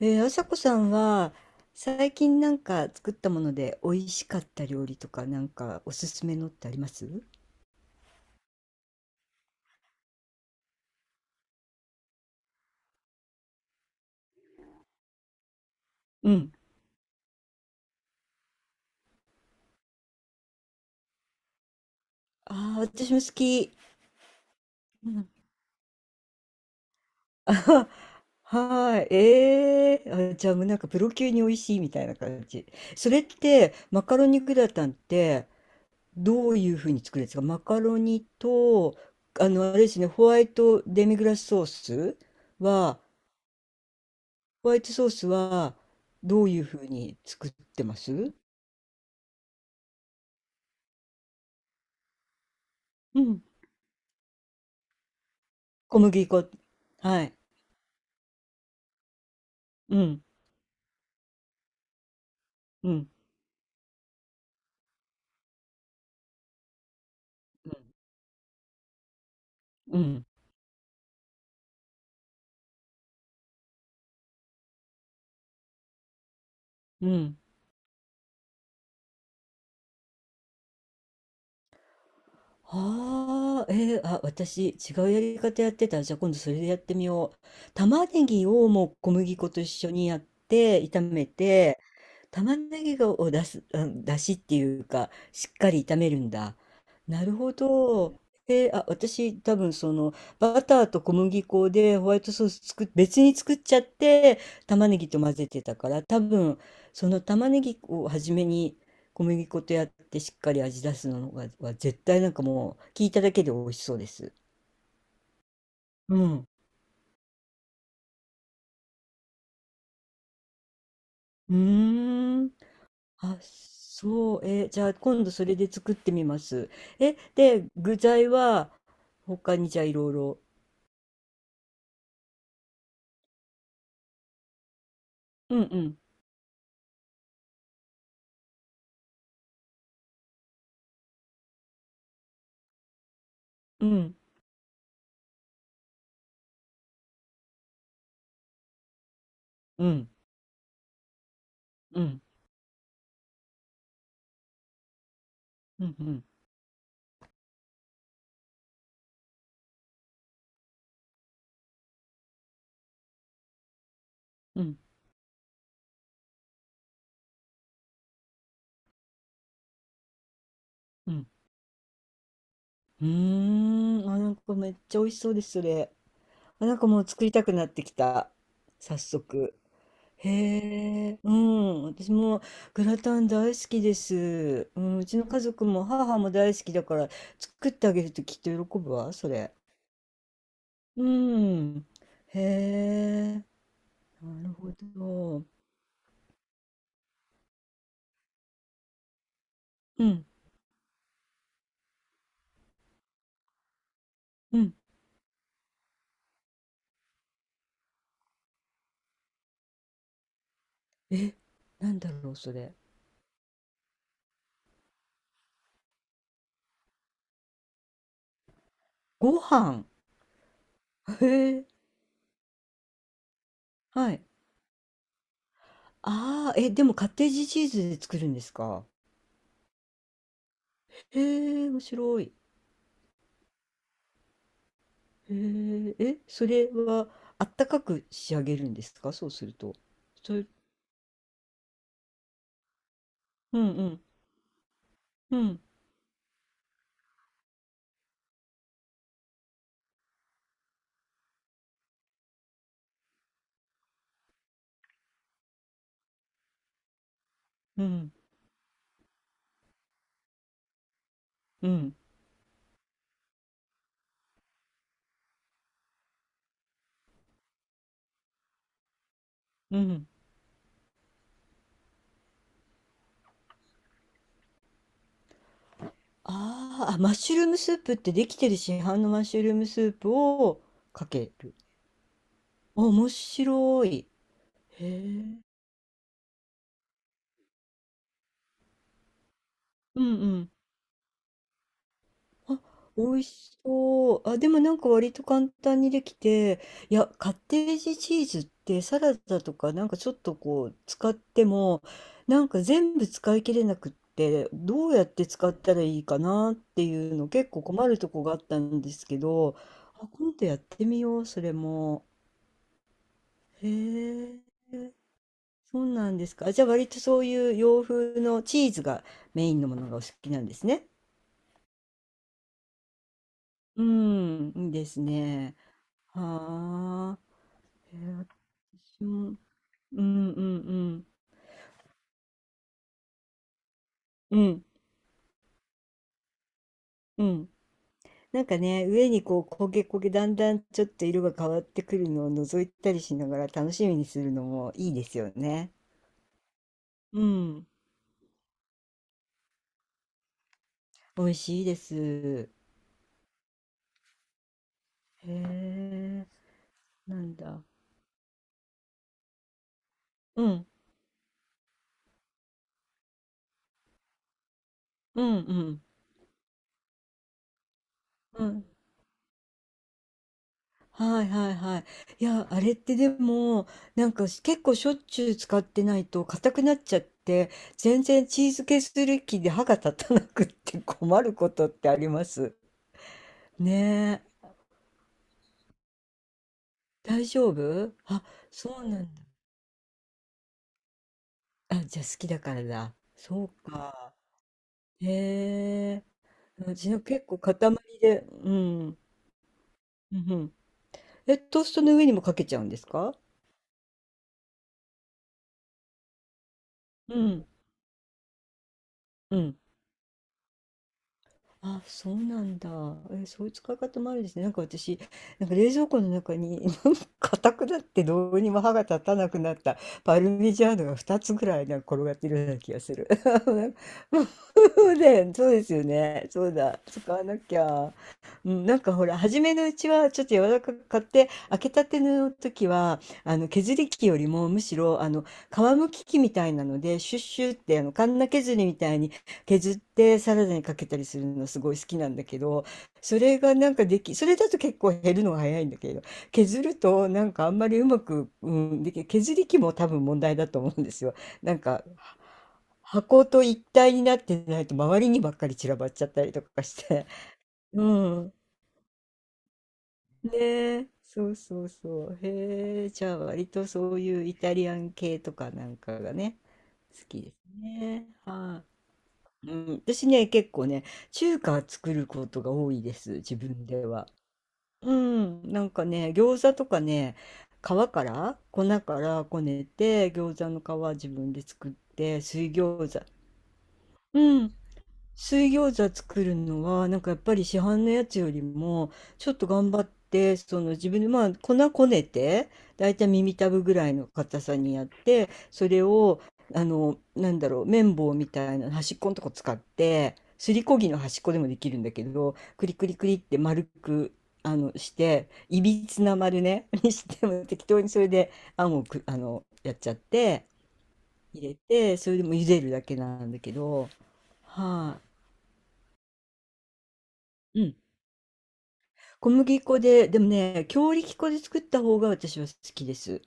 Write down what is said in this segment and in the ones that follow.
あさこさんは最近なんか作ったもので美味しかった料理とかなんかおすすめのってあります？うん。ああ、私も好き。うん。あははーい。あ、じゃあもうなんかプロ級に美味しいみたいな感じ。それってマカロニグラタンってどういうふうに作るんですか？マカロニと、あれですね、ホワイトデミグラスソースは、ホワイトソースはどういうふうに作ってます？うん。小麦粉。はい。うん。うん。うん。うん。うん。はあ、あ、私、違うやり方やってた。じゃあ今度それでやってみよう。玉ねぎをもう小麦粉と一緒にやって、炒めて、玉ねぎを出す、あ、出汁っていうか、しっかり炒めるんだ。なるほど。あ、私、多分その、バターと小麦粉でホワイトソース別に作っちゃって、玉ねぎと混ぜてたから、多分、その玉ねぎを初めに小麦粉とやってしっかり味出すのがは絶対なんかもう聞いただけで美味しそうです。うん。うーん。あ、そう。じゃあ今度それで作ってみます。え、で、具材は他にじゃあいろいろ。うんうん。うんうんうんうんうんうんうん。うーん。あ、なんかめっちゃ美味しそうです、それ。あ、なんかもう作りたくなってきた。早速。へえ、うん、私もグラタン大好きです。うん、うちの家族も母も大好きだから作ってあげるときっと喜ぶわ、それ。うん、へえ、なるほど。うん、うん、え、なんだろう、それ。ご飯。へえ、はい。ああ、え、でもカッテージチーズで作るんですか？へえ、面白い。へえ、え、それはあったかく仕上げるんですか、そうすると。それ、うんうん。うん、うん、うん、うん。あーあ、マッシュルームスープってできてる市販のマッシュルームスープをかける。あ、面白い。へえ。うんうん、あ、美味しそう。あ、でもなんか割と簡単にできて、いや、カッテージチーズってサラダとかなんかちょっとこう使っても、なんか全部使い切れなくって、どうやって使ったらいいかなっていうの結構困るとこがあったんですけど、あ、今度やってみよう、それも。へえ、そうなんですか。あ、じゃあ割とそういう洋風のチーズがメインのものがお好きなんですね。うん、いいですね。はあ、えー、私も、うんうんうん、うんうん。なんかね、上にこう焦げ焦げ、だんだんちょっと色が変わってくるのを覗いたりしながら楽しみにするのもいいですよね。うん、美味しいです。へえ、そうなんだ。うん、うんうん、うん。はいはいはい。いや、あれってでも、なんかし結構しょっちゅう使ってないと硬くなっちゃって、全然チーズケーキ機で歯が立たなくって困ることってあります？ねえ、大丈夫、あ、そうなんだ。あ、じゃあ好きだからだ。そうか。へえ、うちの結構塊で、うん、うん、うん。え、トーストの上にもかけちゃうんですか？うん、うん。あ、そうなんだ。え、そういう使い方もあるんですね。なんか私、なんか冷蔵庫の中に、なんか硬くなってどうにも歯が立たなくなったパルミジャーノが2つぐらいなんか転がってるような気がする。ね、そうですよね。そうだ。使わなきゃ。うん、なんかほら、初めのうちはちょっと柔らかく買って、開けたての時は、削り器よりもむしろ、皮むき器みたいなので、シュッシュって、カンナ削りみたいに、削ってサラダにかけたりするのすごい好きなんだけど、それがなんかそれだと結構減るのが早いんだけど、削るとなんかあんまりうまく、うん、削り器も多分問題だと思うんですよ。なんか箱と一体になってないと周りにばっかり散らばっちゃったりとかして。うん。ねえ。そうそうそう。へえ。じゃあ割とそういうイタリアン系とかなんかがね、好きですね。はい。うん、私ね、結構ね、中華作ることが多いです、自分では。うん、なんかね、餃子とかね、皮から粉からこねて、餃子の皮自分で作って、水餃子。うん、水餃子作るのはなんかやっぱり市販のやつよりもちょっと頑張って、その自分でまあ粉こねてだいたい耳たぶぐらいの硬さにやって、それをなんだろう、綿棒みたいな端っこのとこ使って、すりこぎの端っこでもできるんだけど、クリクリクリって丸くしていびつな丸ね、 にしても適当にそれであんをやっちゃって入れて、それでも茹でるだけなんだけど、はい、小麦粉で、でもね、強力粉で作った方が私は好きです。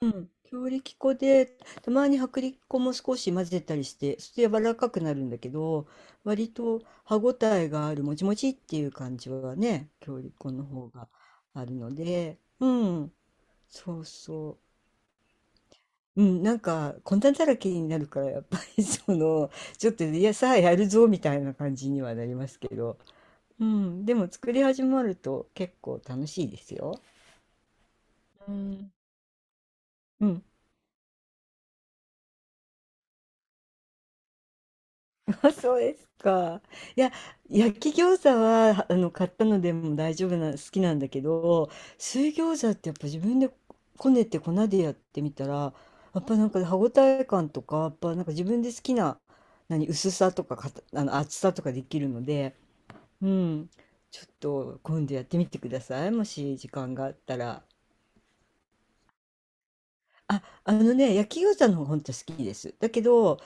うん。強力粉で、たまに薄力粉も少し混ぜたりして、そして柔らかくなるんだけど、割と歯ごたえがある、もちもちっていう感じはね、強力粉の方があるので、うん。そうそう。うん、なんか、粉だらけになるから、やっぱり その、ちょっと、いや、さあやるぞ、みたいな感じにはなりますけど、うん、でも作り始まると結構楽しいですよ。うん、うん。 そうですか。いや、焼き餃子はあの買ったのでも大丈夫な、好きなんだけど、水餃子ってやっぱ自分でこねて粉でやってみたら、やっぱなんか歯ごたえ感とか、やっぱなんか自分で好きな、何、薄さとか、かた、あの厚さとかできるので、うん、ちょっと今度やってみてください。もし時間があったら。あ、あのね、焼き餃子の方が本当好きです。だけど、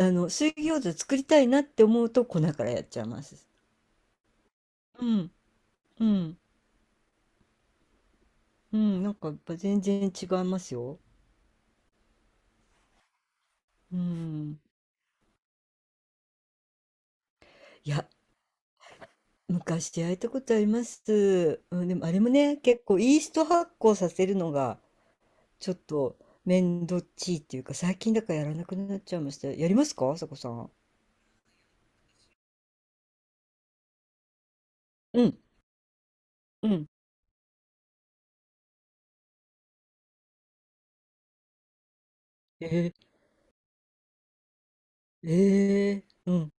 あの、水餃子作りたいなって思うと粉からやっちゃいます。うん、うん、うん、なんかやっぱ全然違いますよ。うん。いや、昔焼いたことあります。うん、でもあれもね、結構イースト発酵させるのがちょっと面倒っちいっていうか、最近だからやらなくなっちゃいました。やりますか、あさこさん？うん、うん。えうん、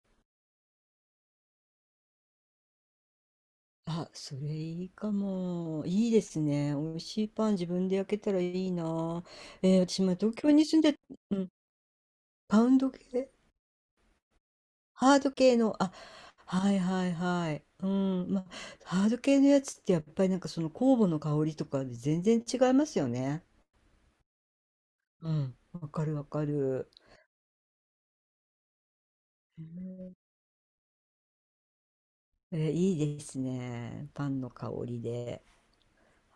あ、それいいかも。いいですね。美味しいパン自分で焼けたらいいな。私、まあ、東京に住んで、うん、パウンド系、ハード系の、あ、はいはいはい。うん、まあ、ハード系のやつってやっぱりなんかその酵母の香りとかで全然違いますよね。うん、わかるわかる。へー、いいですね。パンの香りで。